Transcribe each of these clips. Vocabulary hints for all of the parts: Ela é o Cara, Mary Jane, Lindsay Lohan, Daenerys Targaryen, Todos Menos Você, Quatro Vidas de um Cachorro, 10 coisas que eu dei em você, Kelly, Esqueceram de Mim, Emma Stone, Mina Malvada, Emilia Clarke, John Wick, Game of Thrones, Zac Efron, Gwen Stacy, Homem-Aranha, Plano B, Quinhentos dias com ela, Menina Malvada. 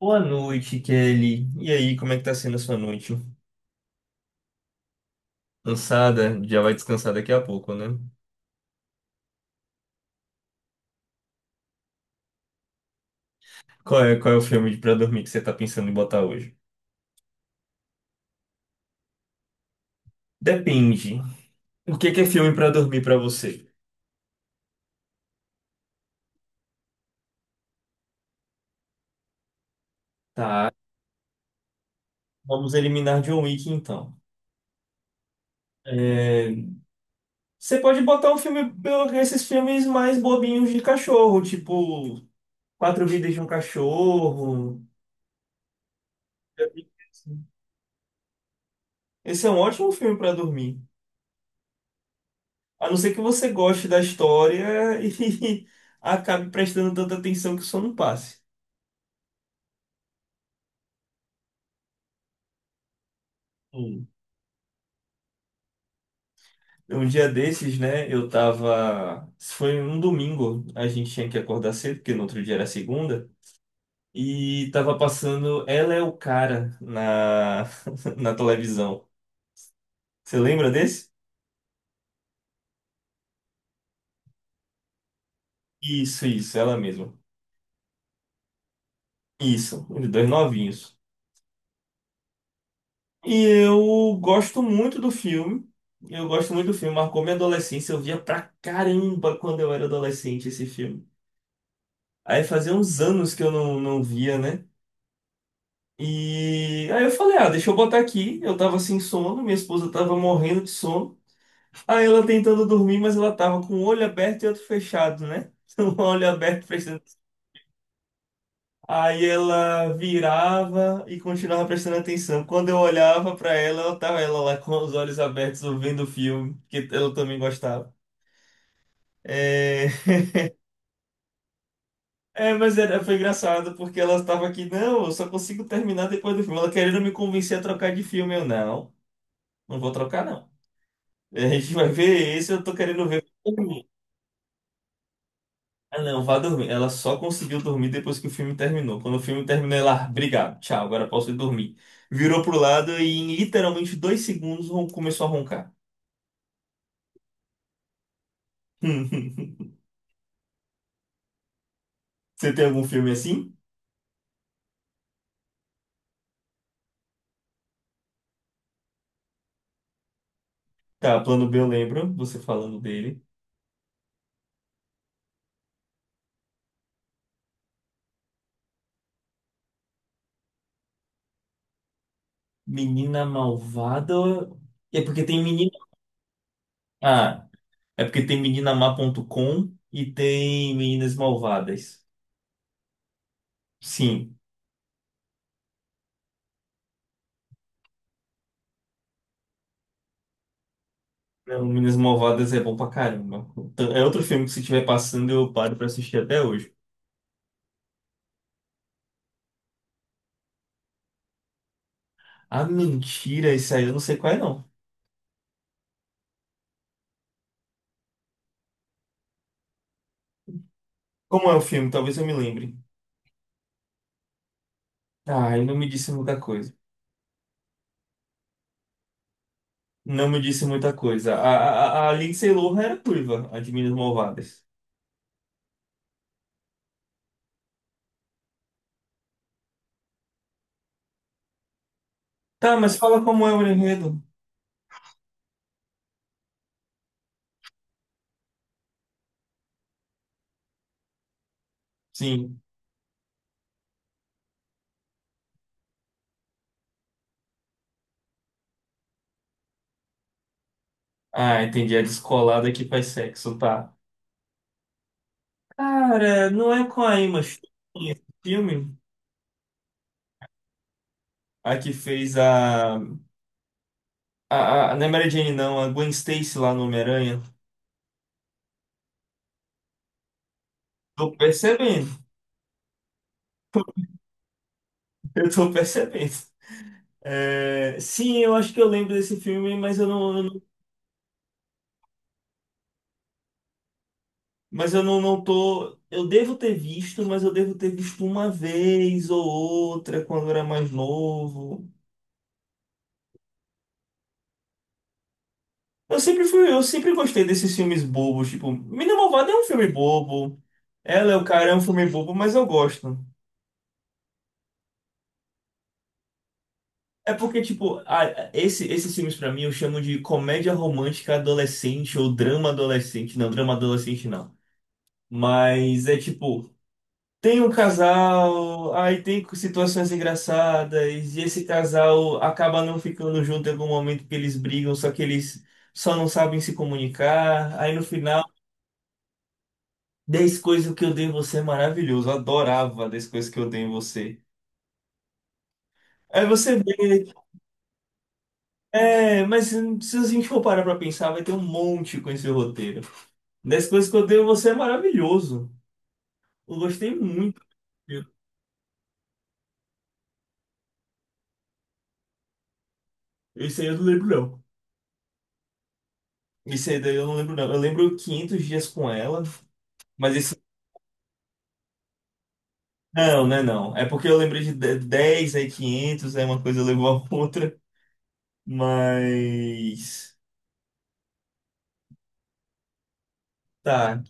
Boa noite, Kelly. E aí, como é que tá sendo a sua noite? Cansada? Já vai descansar daqui a pouco, né? Qual é o filme pra dormir que você tá pensando em botar hoje? Depende. O que que é filme pra dormir pra você? Tá, vamos eliminar John Wick então. É, você pode botar um filme, esses filmes mais bobinhos de cachorro, tipo Quatro Vidas de um Cachorro. Esse é um ótimo filme pra dormir. A não ser que você goste da história e acabe prestando tanta atenção que o sono passe. Sim. Um dia desses, né, eu tava. Foi um domingo, a gente tinha que acordar cedo, porque no outro dia era segunda, e tava passando Ela é o Cara na, na televisão. Você lembra desse? Isso, ela mesma. Isso, os dois novinhos. E eu gosto muito do filme. Eu gosto muito do filme. Marcou minha adolescência. Eu via pra caramba quando eu era adolescente esse filme. Aí fazia uns anos que eu não via, né? E aí eu falei, ah, deixa eu botar aqui. Eu tava sem sono, minha esposa tava morrendo de sono. Aí ela tentando dormir, mas ela tava com o olho aberto e outro fechado, né? Um olho aberto, aí ela virava e continuava prestando atenção. Quando eu olhava pra ela, ela tava ela lá com os olhos abertos ouvindo o filme, que ela também gostava. É, mas era, foi engraçado porque ela estava aqui, não, eu só consigo terminar depois do filme. Ela querendo me convencer a trocar de filme, eu não, não vou trocar não. A gente vai ver esse, eu tô querendo ver. Ah, não, vá dormir. Ela só conseguiu dormir depois que o filme terminou. Quando o filme terminou, ela, "Ah, obrigado, tchau, agora posso ir dormir. Virou pro lado e em literalmente dois segundos começou a roncar. Você tem algum filme assim? Tá, Plano B eu lembro, você falando dele. Menina Malvada. É porque tem menina. Ah, é porque tem meninamá.com e tem Meninas Malvadas. Sim. Não, Meninas Malvadas é bom pra caramba. Então, é outro filme que se estiver passando eu paro pra assistir até hoje. Ah, mentira, isso aí eu não sei qual é, não. Como é o filme? Talvez eu me lembre. Ah, e não me disse muita coisa. Não me disse muita coisa. A Lindsay Lohan era turva, a de Minas Malvadas. Tá, mas fala como é o enredo. Sim. Ah, entendi. A descolada que faz sexo, tá. Cara, não é com a Emma Stone esse filme? A que fez a... não é Mary Jane, não. A Gwen Stacy lá no Homem-Aranha. Tô percebendo. Eu tô percebendo. É, sim, eu acho que eu lembro desse filme, mas eu não- mas eu não, não tô. Eu devo ter visto, mas eu devo ter visto uma vez ou outra quando eu era mais novo. Eu sempre gostei desses filmes bobos, tipo, Mina Malvada é um filme bobo. Ela é o cara é um filme bobo, mas eu gosto. É porque, tipo, esses filmes pra mim eu chamo de comédia romântica adolescente ou drama adolescente. Não, drama adolescente não. Mas é tipo. Tem um casal, aí tem situações engraçadas, e esse casal acaba não ficando junto em algum momento que eles brigam, só que eles só não sabem se comunicar. Aí no final, 10 coisas que eu dei em você é maravilhoso, eu adorava 10 coisas que eu dei em você. Aí você vê, é, mas se a gente for parar pra pensar, vai ter um monte com esse roteiro. 10 coisas que eu dei em você é maravilhoso, eu gostei muito. Isso aí eu não lembro, não. Isso aí daí eu não lembro, não. Eu lembro quinhentos dias com ela. Mas esse não, né, não. É porque eu lembrei 10, aí 500, aí uma coisa levou a outra, mas... Tá,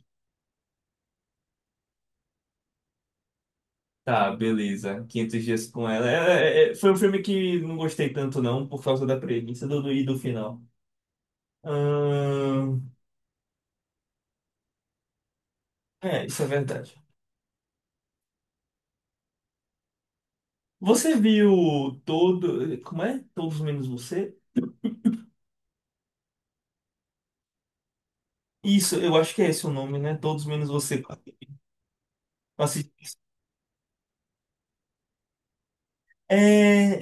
tá, beleza. Quinhentos dias com ela. É, foi um filme que não gostei tanto, não, por causa da premissa e do final. Ahn, é, isso é verdade. Você viu todo... Como é? Todos Menos Você? Isso, eu acho que é esse o nome, né? Todos Menos Você. Eu assisti. É,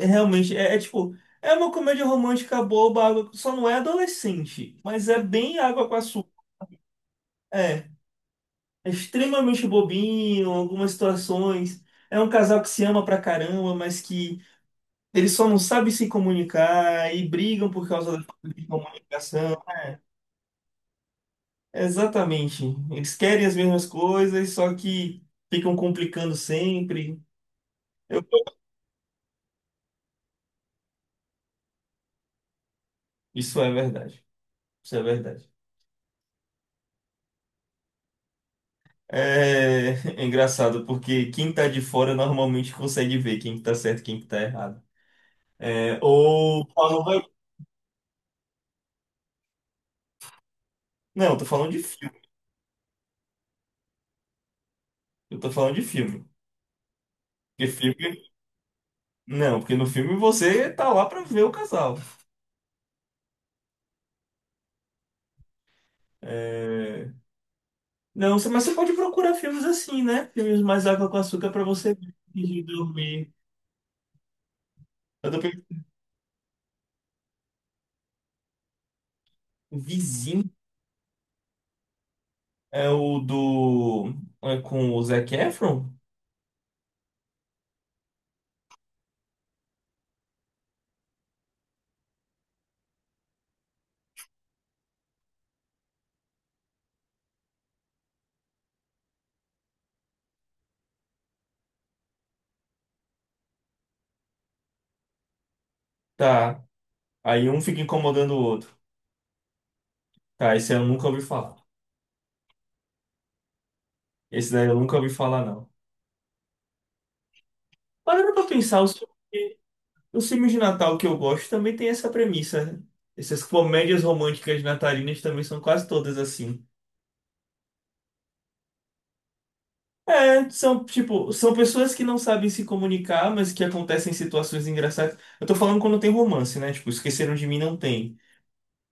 realmente, é tipo, é uma comédia romântica boba, só não é adolescente, mas é bem água com açúcar. É, é extremamente bobinho, algumas situações. É um casal que se ama pra caramba, mas que eles só não sabem se comunicar e brigam por causa da falta de comunicação. Exatamente. Eles querem as mesmas coisas, só que ficam complicando sempre. Eu- Isso é verdade. Isso é verdade. É, é engraçado, porque quem tá de fora normalmente consegue ver quem que tá certo e quem que tá errado. É, ou qual não vai. Não, eu tô falando de filme. Eu tô falando de filme. Porque filme. Não, porque no filme você tá lá pra ver o casal. É, não, mas você pode procurar filmes assim, né? Filmes mais água com açúcar pra você ver antes de dormir. Eu tô pensando, Vizinho é o do. É com o Zac Efron? Tá. Aí um fica incomodando o outro. Tá, esse eu nunca ouvi falar. Esse daí eu nunca ouvi falar, não. Parando pra pensar, os filmes de Natal que eu gosto também tem essa premissa, né? Essas comédias românticas natalinas também são quase todas assim. É, são pessoas que não sabem se comunicar, mas que acontecem situações engraçadas. Eu tô falando quando tem romance, né? Tipo, Esqueceram de Mim não tem.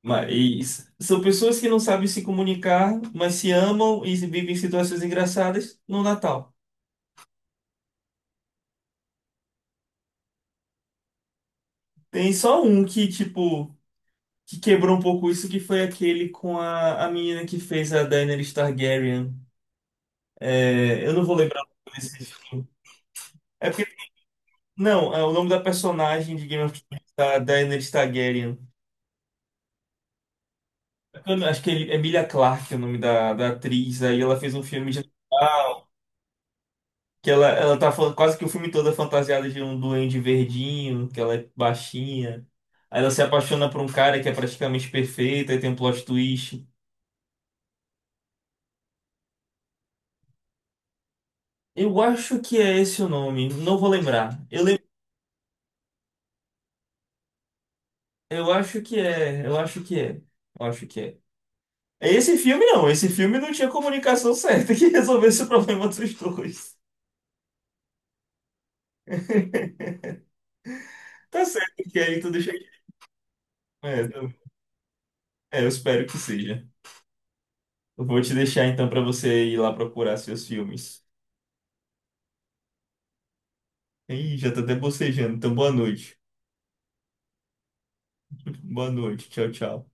Mas são pessoas que não sabem se comunicar, mas se amam e vivem situações engraçadas no Natal. Tem só um que, tipo, que quebrou um pouco isso, que foi aquele com a menina que fez a Daenerys Targaryen. É, eu não vou lembrar o nome desse filme. É porque, não, é o nome da personagem de Game of Thrones, da Daenerys Targaryen. Eu não- Acho que é Emilia Clarke é o nome da atriz. Aí ela fez um filme de Natal, que ela tá falando quase que o filme todo é fantasiada de um duende verdinho, que ela é baixinha. Aí ela se apaixona por um cara que é praticamente perfeito, aí tem um plot twist. Eu acho que é esse o nome, não vou lembrar. Eu acho que é, eu acho que é, eu acho que é. Esse filme não tinha comunicação certa que resolvesse o problema dos dois. Tá certo que aí tu deixa aqui. É, eu eu espero que seja. Eu vou te deixar então pra você ir lá procurar seus filmes. Ih, já tá até bocejando, então boa noite. Boa noite, tchau, tchau.